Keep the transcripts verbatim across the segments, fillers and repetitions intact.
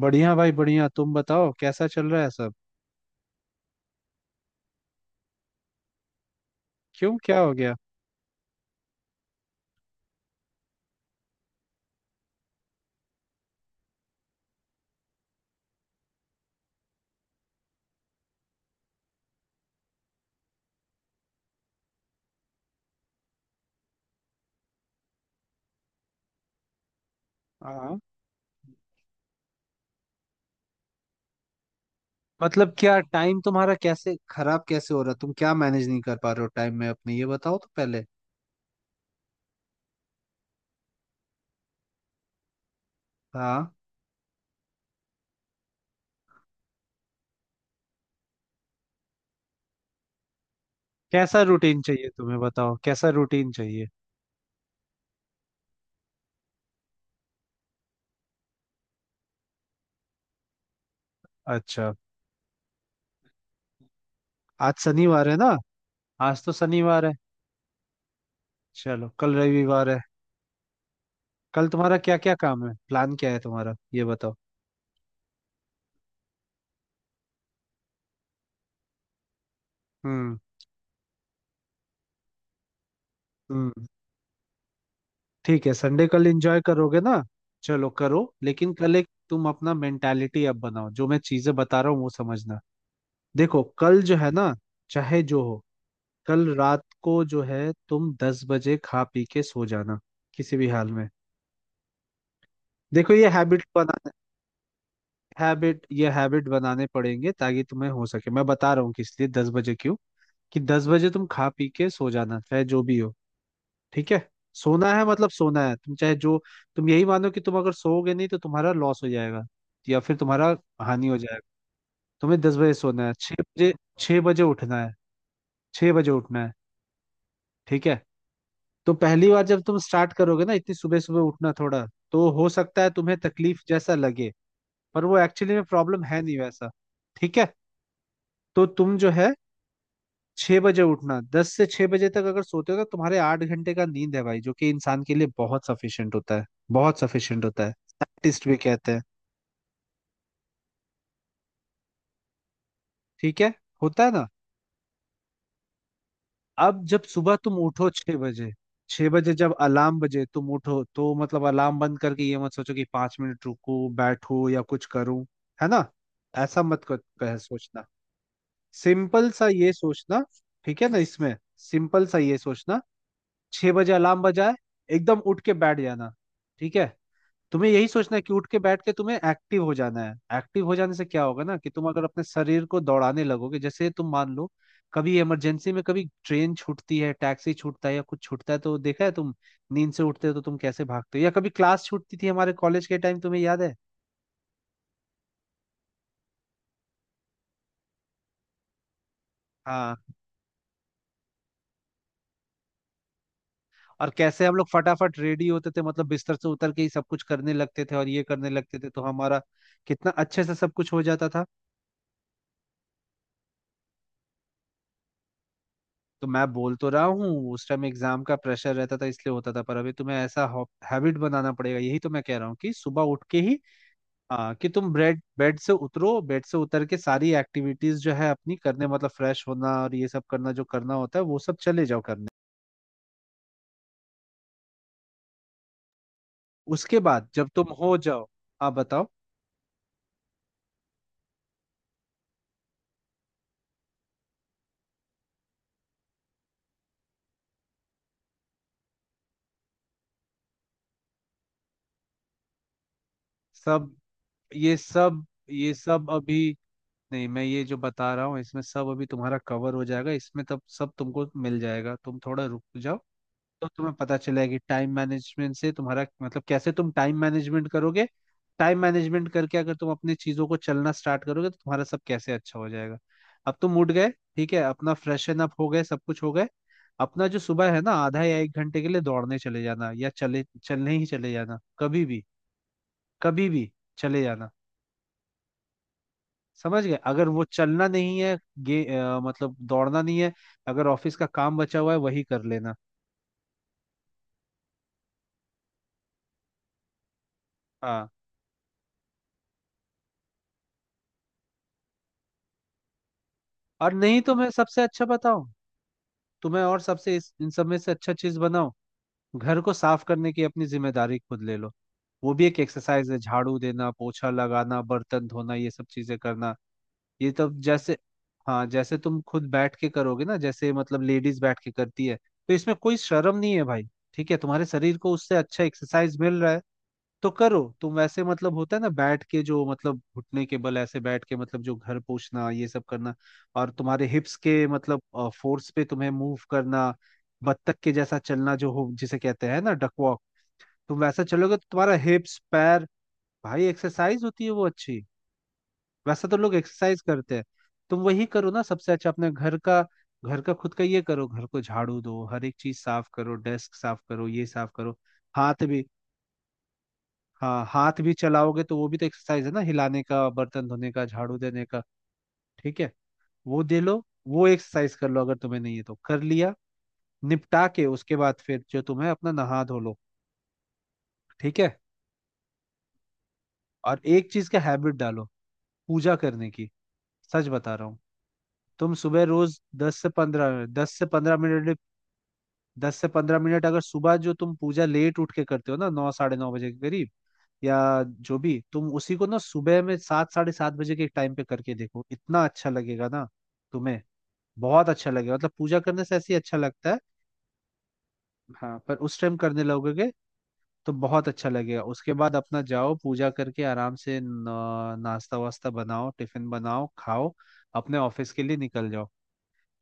बढ़िया भाई बढ़िया। तुम बताओ, कैसा चल रहा है सब? क्यों, क्या हो गया? हाँ। मतलब क्या, टाइम तुम्हारा कैसे खराब कैसे हो रहा? तुम क्या मैनेज नहीं कर पा रहे हो टाइम में अपने, ये बताओ तो पहले। हाँ। कैसा रूटीन चाहिए तुम्हें, बताओ कैसा रूटीन चाहिए? अच्छा। आज शनिवार है ना, आज तो शनिवार है। चलो, कल रविवार है। कल तुम्हारा क्या क्या काम है, प्लान क्या है तुम्हारा, ये बताओ। हम्म। हम्म। ठीक है, संडे कल एंजॉय करोगे ना? चलो करो, लेकिन कल एक तुम अपना मेंटालिटी अब बनाओ, जो मैं चीजें बता रहा हूँ वो समझना। देखो कल जो है ना, चाहे जो हो कल रात को जो है, तुम दस बजे खा पी के सो जाना। किसी भी हाल में। देखो, ये हैबिट बनाना। हैबिट, ये हैबिट बनाने पड़ेंगे ताकि तुम्हें हो सके। मैं बता रहा हूँ कि इसलिए दस बजे क्यों, कि दस बजे तुम खा पी के सो जाना चाहे जो भी हो। ठीक है? सोना है मतलब सोना है, तुम चाहे जो। तुम यही मानो कि तुम अगर सोओगे नहीं तो तुम्हारा लॉस हो जाएगा, या फिर तुम्हारा हानि हो जाएगा। तुम्हें दस बजे सोना है, छह बजे छह बजे उठना है, छह बजे उठना है। ठीक है? तो पहली बार जब तुम स्टार्ट करोगे ना, इतनी सुबह सुबह उठना थोड़ा तो हो सकता है तुम्हें तकलीफ जैसा लगे, पर वो एक्चुअली में प्रॉब्लम है नहीं वैसा। ठीक है? तो तुम जो है छह बजे उठना, दस से छह बजे तक अगर सोते हो तो तुम्हारे आठ घंटे का नींद है भाई, जो कि इंसान के लिए बहुत सफिशिएंट होता है। बहुत सफिशिएंट होता है। साइंटिस्ट भी कहते हैं। ठीक है? होता है ना। अब जब सुबह तुम उठो छह बजे, छह बजे जब अलार्म बजे तुम उठो तो मतलब अलार्म बंद करके ये मत सोचो कि पांच मिनट रुकूं बैठूं या कुछ करूं। है ना? ऐसा मत कर, कह सोचना। सिंपल सा ये सोचना। ठीक है ना इसमें। सिंपल सा ये सोचना। छह बजे अलार्म बजाए एकदम उठ के बैठ जाना। ठीक है? तुम्हें यही सोचना है कि उठ के बैठ के तुम्हें एक्टिव हो जाना है। एक्टिव हो जाने से क्या होगा ना, कि तुम अगर अपने शरीर को दौड़ाने लगोगे, जैसे तुम मान लो कभी इमरजेंसी में, कभी ट्रेन छूटती है, टैक्सी छूटता है या कुछ छूटता है तो देखा है तुम नींद से उठते हो तो तुम कैसे भागते हो, या कभी क्लास छूटती थी हमारे कॉलेज के टाइम तुम्हें याद है? हाँ। और कैसे हम लोग फटाफट रेडी होते थे, मतलब बिस्तर से उतर के ही सब कुछ करने लगते थे, और ये करने लगते थे तो हमारा कितना अच्छे से सब कुछ हो जाता था। तो मैं बोल तो रहा हूँ उस टाइम एग्जाम का प्रेशर रहता था इसलिए होता था, पर अभी तुम्हें ऐसा हैबिट बनाना पड़ेगा, यही तो मैं कह रहा हूँ कि सुबह उठ के ही आ, कि तुम बेड बेड से उतरो, बेड से उतर के सारी एक्टिविटीज जो है अपनी करने मतलब फ्रेश होना, और ये सब करना जो करना होता है वो सब चले जाओ करने। उसके बाद जब तुम हो जाओ आप बताओ। सब ये सब ये सब अभी नहीं। मैं ये जो बता रहा हूँ इसमें सब अभी तुम्हारा कवर हो जाएगा, इसमें तब सब तुमको मिल जाएगा, तुम थोड़ा रुक जाओ। तो तुम्हें पता चला है कि टाइम मैनेजमेंट से तुम्हारा मतलब कैसे तुम टाइम मैनेजमेंट करोगे। टाइम मैनेजमेंट करके अगर तुम अपनी चीजों को चलना स्टार्ट करोगे तो तुम्हारा सब कैसे अच्छा हो जाएगा। अब तुम उठ गए, ठीक है, अपना फ्रेशन अप हो गए, सब कुछ हो गए। अपना जो सुबह है ना, आधा या एक घंटे के लिए दौड़ने चले जाना, या चले चलने ही चले जाना, कभी भी कभी भी चले जाना। समझ गए? अगर वो चलना नहीं है गे अ, मतलब दौड़ना नहीं है, अगर ऑफिस का काम बचा हुआ है वही कर लेना। हाँ, और नहीं तो मैं सबसे अच्छा बताऊं तुम्हें, और सबसे इस- इन सब में से अच्छा चीज बनाओ। घर को साफ करने की अपनी जिम्मेदारी खुद ले लो। वो भी एक एक्सरसाइज है, झाड़ू देना, पोछा लगाना, बर्तन धोना, ये सब चीजें करना। ये तो जैसे हाँ जैसे तुम खुद बैठ के करोगे ना, जैसे मतलब लेडीज बैठ के करती है, तो इसमें कोई शर्म नहीं है भाई। ठीक है, तुम्हारे शरीर को उससे अच्छा एक्सरसाइज मिल रहा है। तो करो तुम ऐसे, मतलब होता है ना बैठ के जो, मतलब घुटने के बल ऐसे बैठ के मतलब जो घर पोछना ये सब करना। और तुम्हारे हिप्स के मतलब फोर्स पे तुम्हें मूव करना, बत्तख के जैसा चलना, जो हो जिसे कहते हैं ना डक वॉक। तुम वैसा चलोगे तो तुम्हारा हिप्स, पैर, भाई एक्सरसाइज होती है वो अच्छी, वैसा तो लोग एक्सरसाइज करते हैं। तुम वही करो ना सबसे अच्छा अपने घर का, घर का खुद का ये करो, घर को झाड़ू दो, हर एक चीज साफ करो, डेस्क साफ करो, ये साफ करो। हाथ भी, हाँ हाथ भी चलाओगे तो वो भी तो एक्सरसाइज है ना, हिलाने का, बर्तन धोने का, झाड़ू देने का। ठीक है, वो दे लो, वो एक्सरसाइज कर लो, अगर तुम्हें नहीं है तो कर लिया निपटा के उसके बाद फिर जो तुम्हें अपना नहा धो लो। ठीक है। और एक चीज का हैबिट डालो, पूजा करने की, सच बता रहा हूँ। तुम सुबह रोज दस से पंद्रह मिनट, दस से पंद्रह मिनट, दस से पंद्रह मिनट अगर सुबह जो तुम पूजा लेट उठ के करते हो ना नौ साढ़े नौ बजे के करीब, या जो भी तुम उसी को ना सुबह में सात साढ़े सात बजे के एक टाइम पे करके देखो, इतना अच्छा लगेगा ना तुम्हें। बहुत अच्छा लगेगा, मतलब पूजा करने से ऐसे ही अच्छा लगता है। हाँ, पर उस टाइम करने लगोगे तो बहुत अच्छा लगेगा। उसके बाद अपना जाओ पूजा करके, आराम से न- नाश्ता वास्ता बनाओ, टिफिन बनाओ, खाओ, अपने ऑफिस के लिए निकल जाओ।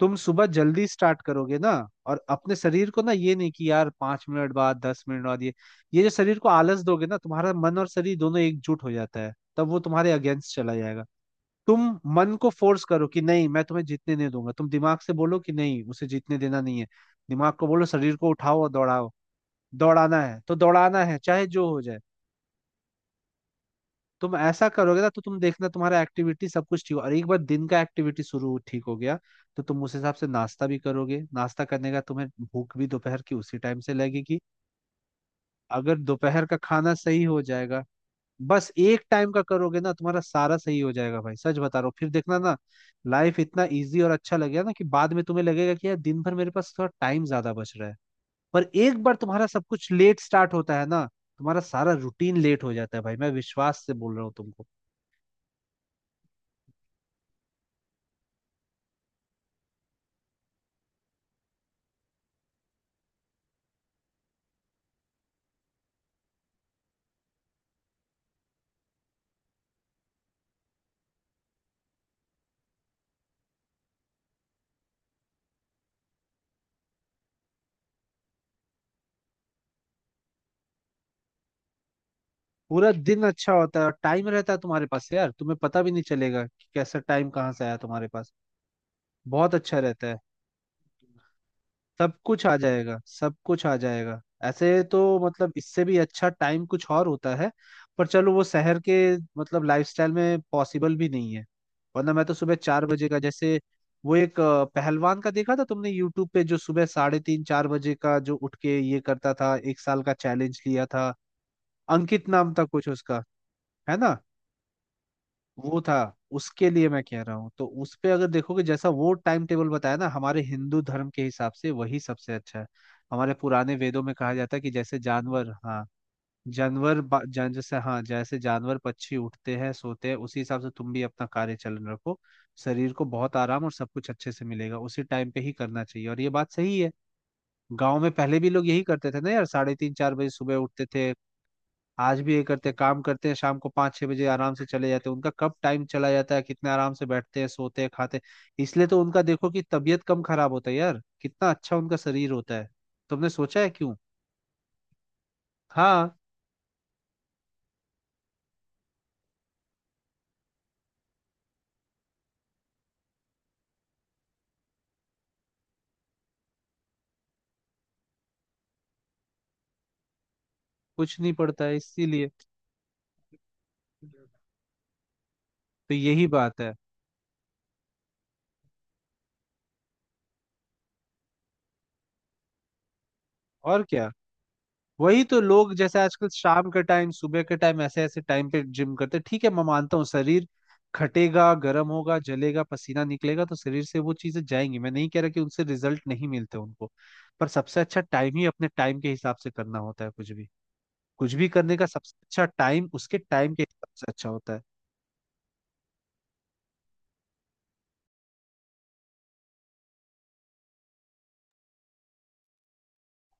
तुम सुबह जल्दी स्टार्ट करोगे ना, और अपने शरीर को ना, ये नहीं कि यार पांच मिनट बाद दस मिनट बाद ये ये जो शरीर को आलस दोगे ना, तुम्हारा मन और शरीर दोनों एकजुट हो जाता है, तब वो तुम्हारे अगेंस्ट चला जाएगा। तुम मन को फोर्स करो कि नहीं, मैं तुम्हें जीतने नहीं दूंगा। तुम दिमाग से बोलो कि नहीं, उसे जीतने देना नहीं है। दिमाग को बोलो शरीर को उठाओ और दौड़ाओ। दौड़ाना है तो दौड़ाना है, चाहे जो हो जाए। तुम ऐसा करोगे ना तो तुम देखना तुम्हारा एक्टिविटी सब कुछ ठीक हो, और एक बार दिन का एक्टिविटी शुरू ठीक हो गया तो तुम उस हिसाब से नाश्ता भी करोगे, नाश्ता करने का तुम्हें भूख भी दोपहर की उसी टाइम से लगेगी, अगर दोपहर का खाना सही हो जाएगा। बस एक टाइम का करोगे ना तुम्हारा सारा सही हो जाएगा भाई, सच बता रहा हूँ, फिर देखना ना, लाइफ इतना इजी और अच्छा लगेगा ना कि बाद में तुम्हें लगेगा कि यार दिन भर मेरे पास थोड़ा टाइम ज्यादा बच रहा है। पर एक बार तुम्हारा सब कुछ लेट स्टार्ट होता है ना, तुम्हारा सारा रूटीन लेट हो जाता है भाई, मैं विश्वास से बोल रहा हूँ तुमको। पूरा दिन अच्छा होता है और टाइम रहता है तुम्हारे पास यार, तुम्हें पता भी नहीं चलेगा कि कैसा टाइम कहाँ से आया तुम्हारे पास। बहुत अच्छा रहता है। सब कुछ आ जाएगा, सब कुछ आ जाएगा। ऐसे तो मतलब इससे भी अच्छा टाइम कुछ और होता है, पर चलो वो शहर के मतलब लाइफस्टाइल में पॉसिबल भी नहीं है, वरना मैं तो सुबह चार बजे का जैसे वो एक अ, पहलवान का देखा था तुमने यूट्यूब पे, जो सुबह साढ़े तीन चार बजे का जो उठ के ये करता था, एक साल का चैलेंज लिया था। अंकित नाम था कुछ उसका, है ना? वो था। उसके लिए मैं कह रहा हूँ, तो उस पे अगर देखोगे, जैसा वो टाइम टेबल बताया ना हमारे हिंदू धर्म के हिसाब से वही सबसे अच्छा है। हमारे पुराने वेदों में कहा जाता है कि जैसे जानवर, हाँ, जानवर बा- जान जैसे, हाँ, जैसे जानवर पक्षी उठते हैं सोते हैं उसी हिसाब से तुम भी अपना कार्य चलन रखो। शरीर को बहुत आराम और सब कुछ अच्छे से मिलेगा, उसी टाइम पे ही करना चाहिए, और ये बात सही है। गांव में पहले भी लोग यही करते थे ना यार, साढ़े तीन चार बजे सुबह उठते थे, आज भी ये करते हैं, काम करते हैं, शाम को पाँच छह बजे आराम से चले जाते हैं, उनका कब टाइम चला जाता है, कितने आराम से बैठते हैं, सोते हैं, खाते हैं। इसलिए तो उनका देखो कि तबीयत कम खराब होता है यार, कितना अच्छा उनका शरीर होता है। तुमने सोचा है क्यों? हाँ। कुछ नहीं पड़ता है इसीलिए। तो यही बात है। और क्या। वही तो, लोग जैसे आजकल शाम के टाइम सुबह के टाइम ऐसे ऐसे टाइम पे जिम करते हैं। ठीक है, मैं मानता हूँ शरीर खटेगा, गर्म होगा, जलेगा, पसीना निकलेगा तो शरीर से वो चीजें जाएंगी, मैं नहीं कह रहा कि उनसे रिजल्ट नहीं मिलते उनको, पर सबसे अच्छा टाइम ही अपने टाइम के हिसाब से करना होता है कुछ भी। कुछ भी करने का सबसे अच्छा टाइम उसके टाइम के हिसाब से अच्छा होता है।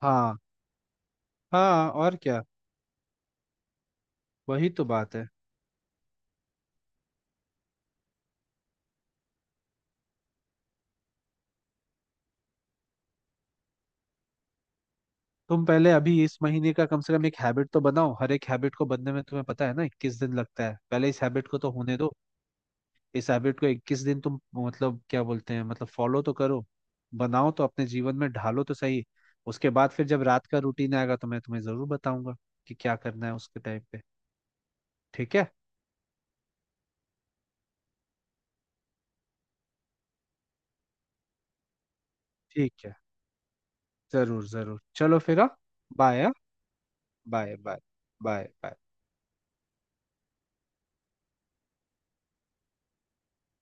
हाँ। हाँ और क्या। वही तो बात है। तुम पहले अभी इस महीने का कम से कम एक हैबिट तो बनाओ, हर एक हैबिट को बनने में तुम्हें पता है ना इक्कीस दिन लगता है, पहले इस हैबिट को तो होने दो। इस हैबिट को इक्कीस दिन तुम, मतलब क्या बोलते हैं, मतलब फॉलो तो करो, बनाओ तो, अपने जीवन में ढालो तो सही। उसके बाद फिर जब रात का रूटीन आएगा तो मैं तुम्हें जरूर बताऊंगा कि क्या करना है उसके टाइम पे। ठीक है? ठीक है, जरूर जरूर, चलो फिर, हाँ। बाय, हाँ। Bye bye. Bye bye.